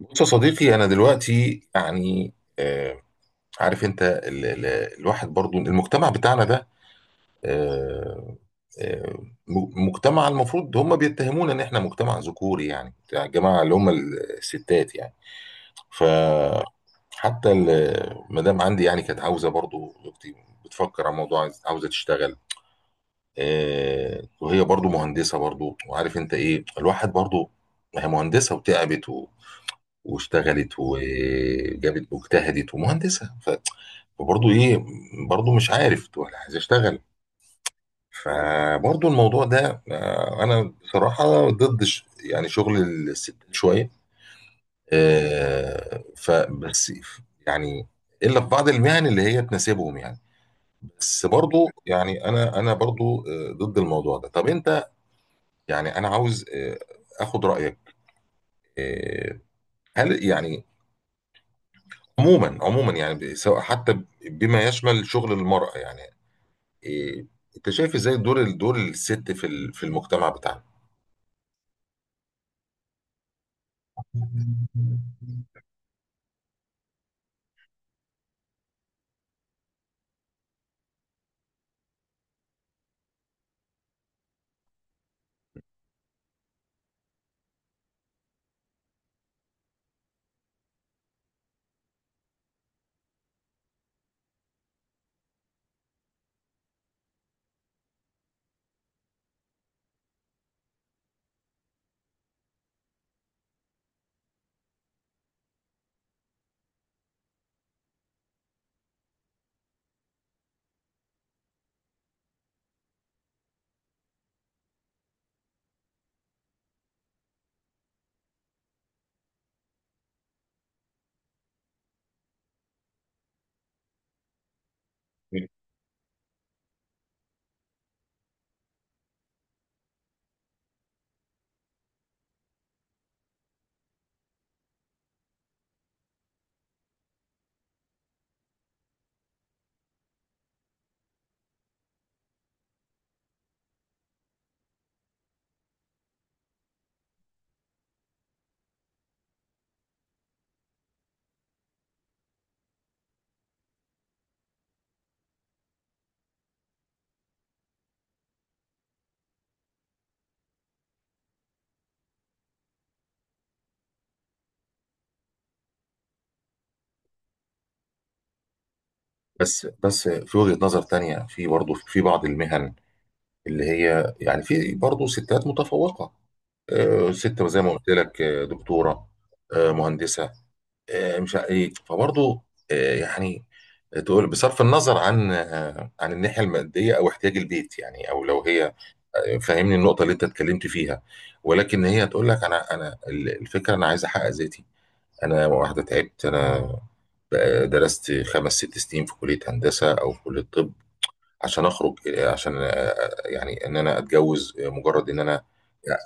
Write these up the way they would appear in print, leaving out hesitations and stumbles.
بص يا صديقي، انا دلوقتي يعني، آه عارف انت، ال ال الواحد برضو المجتمع بتاعنا ده. آه آه مجتمع المفروض هم بيتهمونا ان احنا مجتمع ذكوري، يعني بتاع الجماعه اللي هم الستات يعني. فحتى ال- المدام عندي يعني كانت عاوزه، برضو اختي بتفكر على موضوع عاوزه تشتغل. آه، وهي برضو مهندسه، برضو وعارف انت ايه الواحد برضو. ما هي مهندسه وتعبت واشتغلت وجابت واجتهدت ومهندسه فبرضه ايه، برضه مش عارف تقول أنا عايز اشتغل. فبرضه الموضوع ده، انا بصراحه ضد يعني شغل الستات شويه. فبس يعني الا في بعض المهن اللي هي تناسبهم يعني. بس برضه يعني انا انا برضه، ضد الموضوع ده. طب انت يعني انا عاوز، اخد رايك. آه، هل يعني عموما يعني، سواء حتى بما يشمل شغل المرأة، يعني إيه؟ انت شايف ازاي دور الست في في المجتمع بتاعنا؟ بس بس في وجهة نظر تانية، في برضه في بعض المهن اللي هي يعني في برضه ستات متفوقة. ست زي ما قلت لك، دكتورة، مهندسة. مش ع- ايه فبرضه، يعني تقول بصرف النظر عن، عن الناحية المادية او احتياج البيت، يعني او لو هي فاهمني النقطه اللي انت اتكلمت فيها. ولكن هي هتقول لك انا انا الفكره، انا عايز احقق ذاتي. انا واحده تعبت، انا بقى درست خمس ست سنين في كليه هندسه او في كليه طب عشان اخرج، عشان يعني ان انا اتجوز مجرد ان انا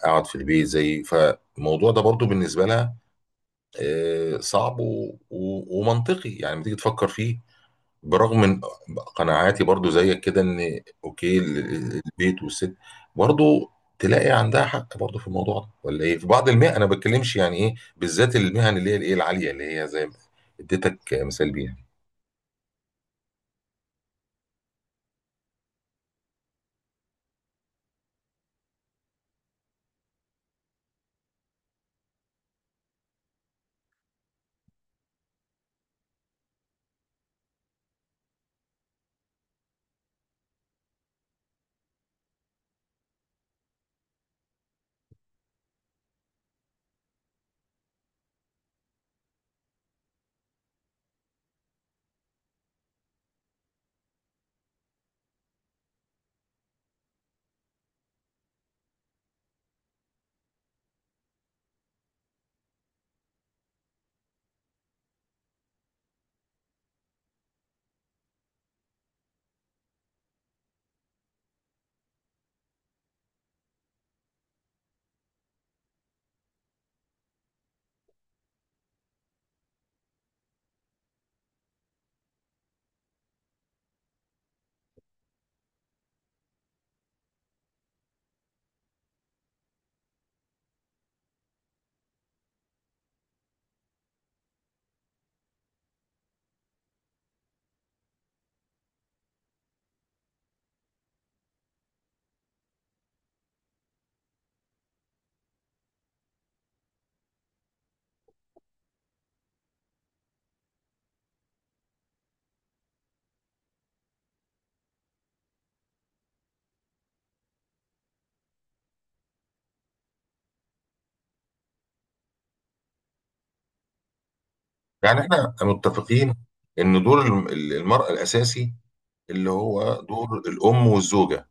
اقعد في البيت زي. فالموضوع ده برضو بالنسبه لها، صعب ومنطقي يعني لما تيجي تفكر فيه. برغم من قناعاتي برضو زيك كده ان اوكي البيت والست برضو تلاقي عندها حق برضو في الموضوع ده. ولا ايه، في بعض المهن انا بتكلمش يعني ايه، بالذات المهن اللي هي الايه العاليه، اللي هي زي ما اديتك مثال بيها. يعني احنا متفقين ان دور المرأة الاساسي اللي هو دور الام والزوجة.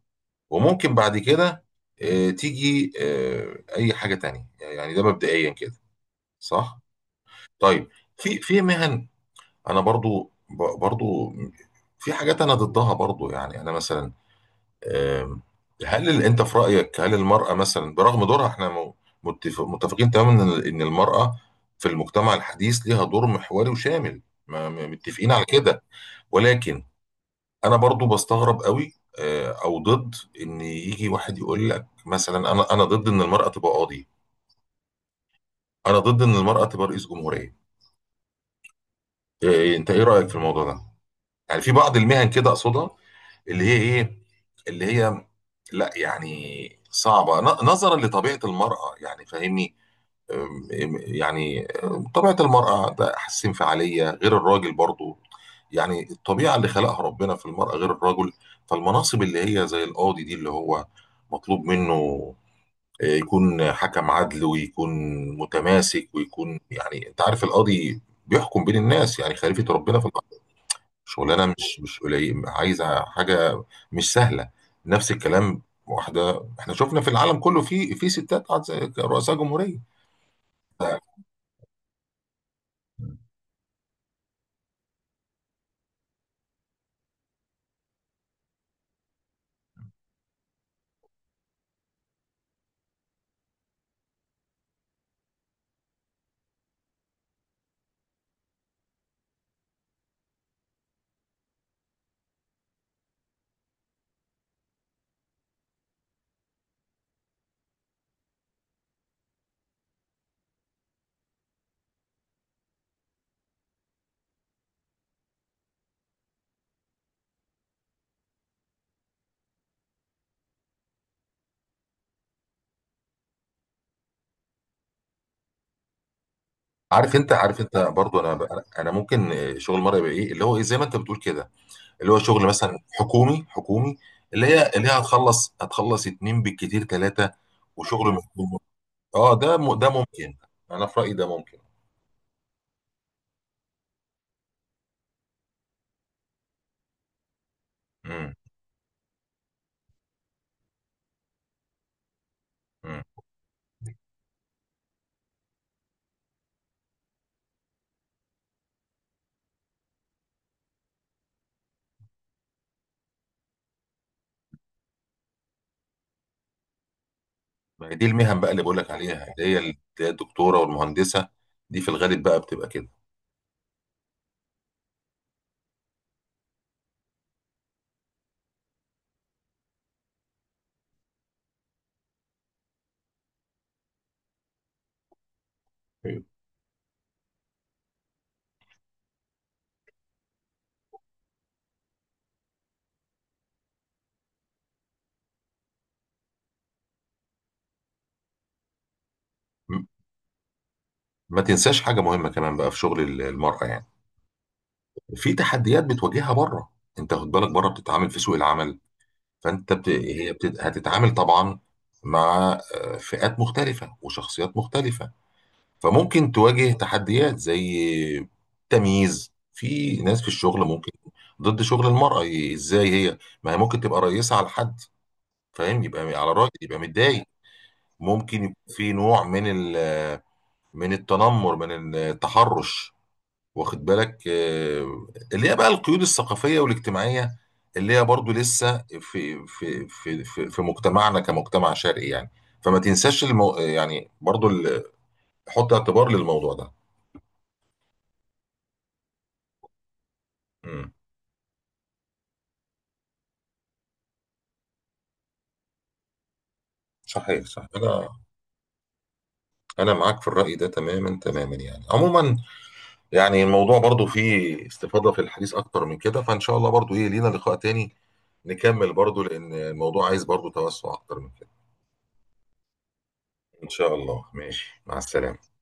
وممكن بعد كده تيجي اي حاجة تانية يعني، ده مبدئيا كده صح. طيب، في في مهن انا برضو، برضو في حاجات انا ضدها برضو، يعني انا مثلا آم، هل انت في رايك، هل المراه مثلا برغم دورها احنا متفقين تماما ان إن المراه في المجتمع الحديث ليها دور محوري وشامل، متفقين على كده؟ ولكن انا برضو بستغرب قوي، او ضد ان يجي واحد يقول لك مثلا، انا انا ضد ان المراه تبقى قاضي، انا ضد ان المراه تبقى رئيس جمهوريه. انت ايه رايك في الموضوع ده؟ يعني في بعض المهن كده اقصدها، اللي هي ايه، اللي هي لا يعني صعبة، نظرا لطبيعة المرأة يعني فاهمني. أم- أم- يعني أم، طبيعة المرأة ده، حاسس انفعالية غير الراجل برضو، يعني الطبيعة اللي خلقها ربنا في المرأة غير الرجل. فالمناصب اللي هي زي القاضي دي، اللي هو مطلوب منه، يكون حكم عدل، ويكون متماسك، ويكون يعني انت عارف القاضي بيحكم بين الناس، يعني خليفة ربنا في. شغلانه مش قليل، عايزه حاجه مش سهله. نفس الكلام، واحده احنا شفنا في العالم كله في ستات رؤساء جمهوريه. عارف انت برضو، انا ممكن شغل مره يبقى ايه، اللي هو ايه زي ما انت بتقول كده، اللي هو شغل مثلا حكومي حكومي. اللي هي هتخلص اتنين بالكتير ثلاثه. وشغل اه، ده ممكن. انا في رايي ده ممكن. امم. امم. ما هي دي المهن بقى اللي بقول لك عليها، اللي هي الدكتوره والمهندسه، دي في الغالب بقى بتبقى كده. ايوه. م- ما تنساش حاجه مهمه كمان بقى في شغل المراه، يعني في تحديات بتواجهها بره. انت خد بالك، بره بتتعامل في سوق العمل. فانت بت... هي بت... هتتعامل طبعا مع، فئات مختلفه وشخصيات مختلفه. فممكن تواجه تحديات زي تمييز في ناس في الشغل، ممكن ضد شغل المرأة. ازاي هي، ما هي ممكن تبقى رئيسة على حد فاهم، يبقى على رأي يبقى متضايق. ممكن يكون في نوع من ال- من التنمر، من التحرش. واخد بالك، اللي هي بقى القيود الثقافية والاجتماعية اللي هي برضو لسه في مجتمعنا كمجتمع شرقي يعني. فما تنساش يعني برضو حط اعتبار للموضوع ده. مم. صحيح، صحيح انا، انا معاك في الرأي ده تماما تماما، يعني عموما. يعني الموضوع برضو فيه استفاضة في الحديث أكتر من كده، فإن شاء الله برضو إيه لينا لقاء تاني نكمل، برضو لأن الموضوع عايز برضو توسع أكتر من كده. إن شاء الله. ماشي، مع السلامة.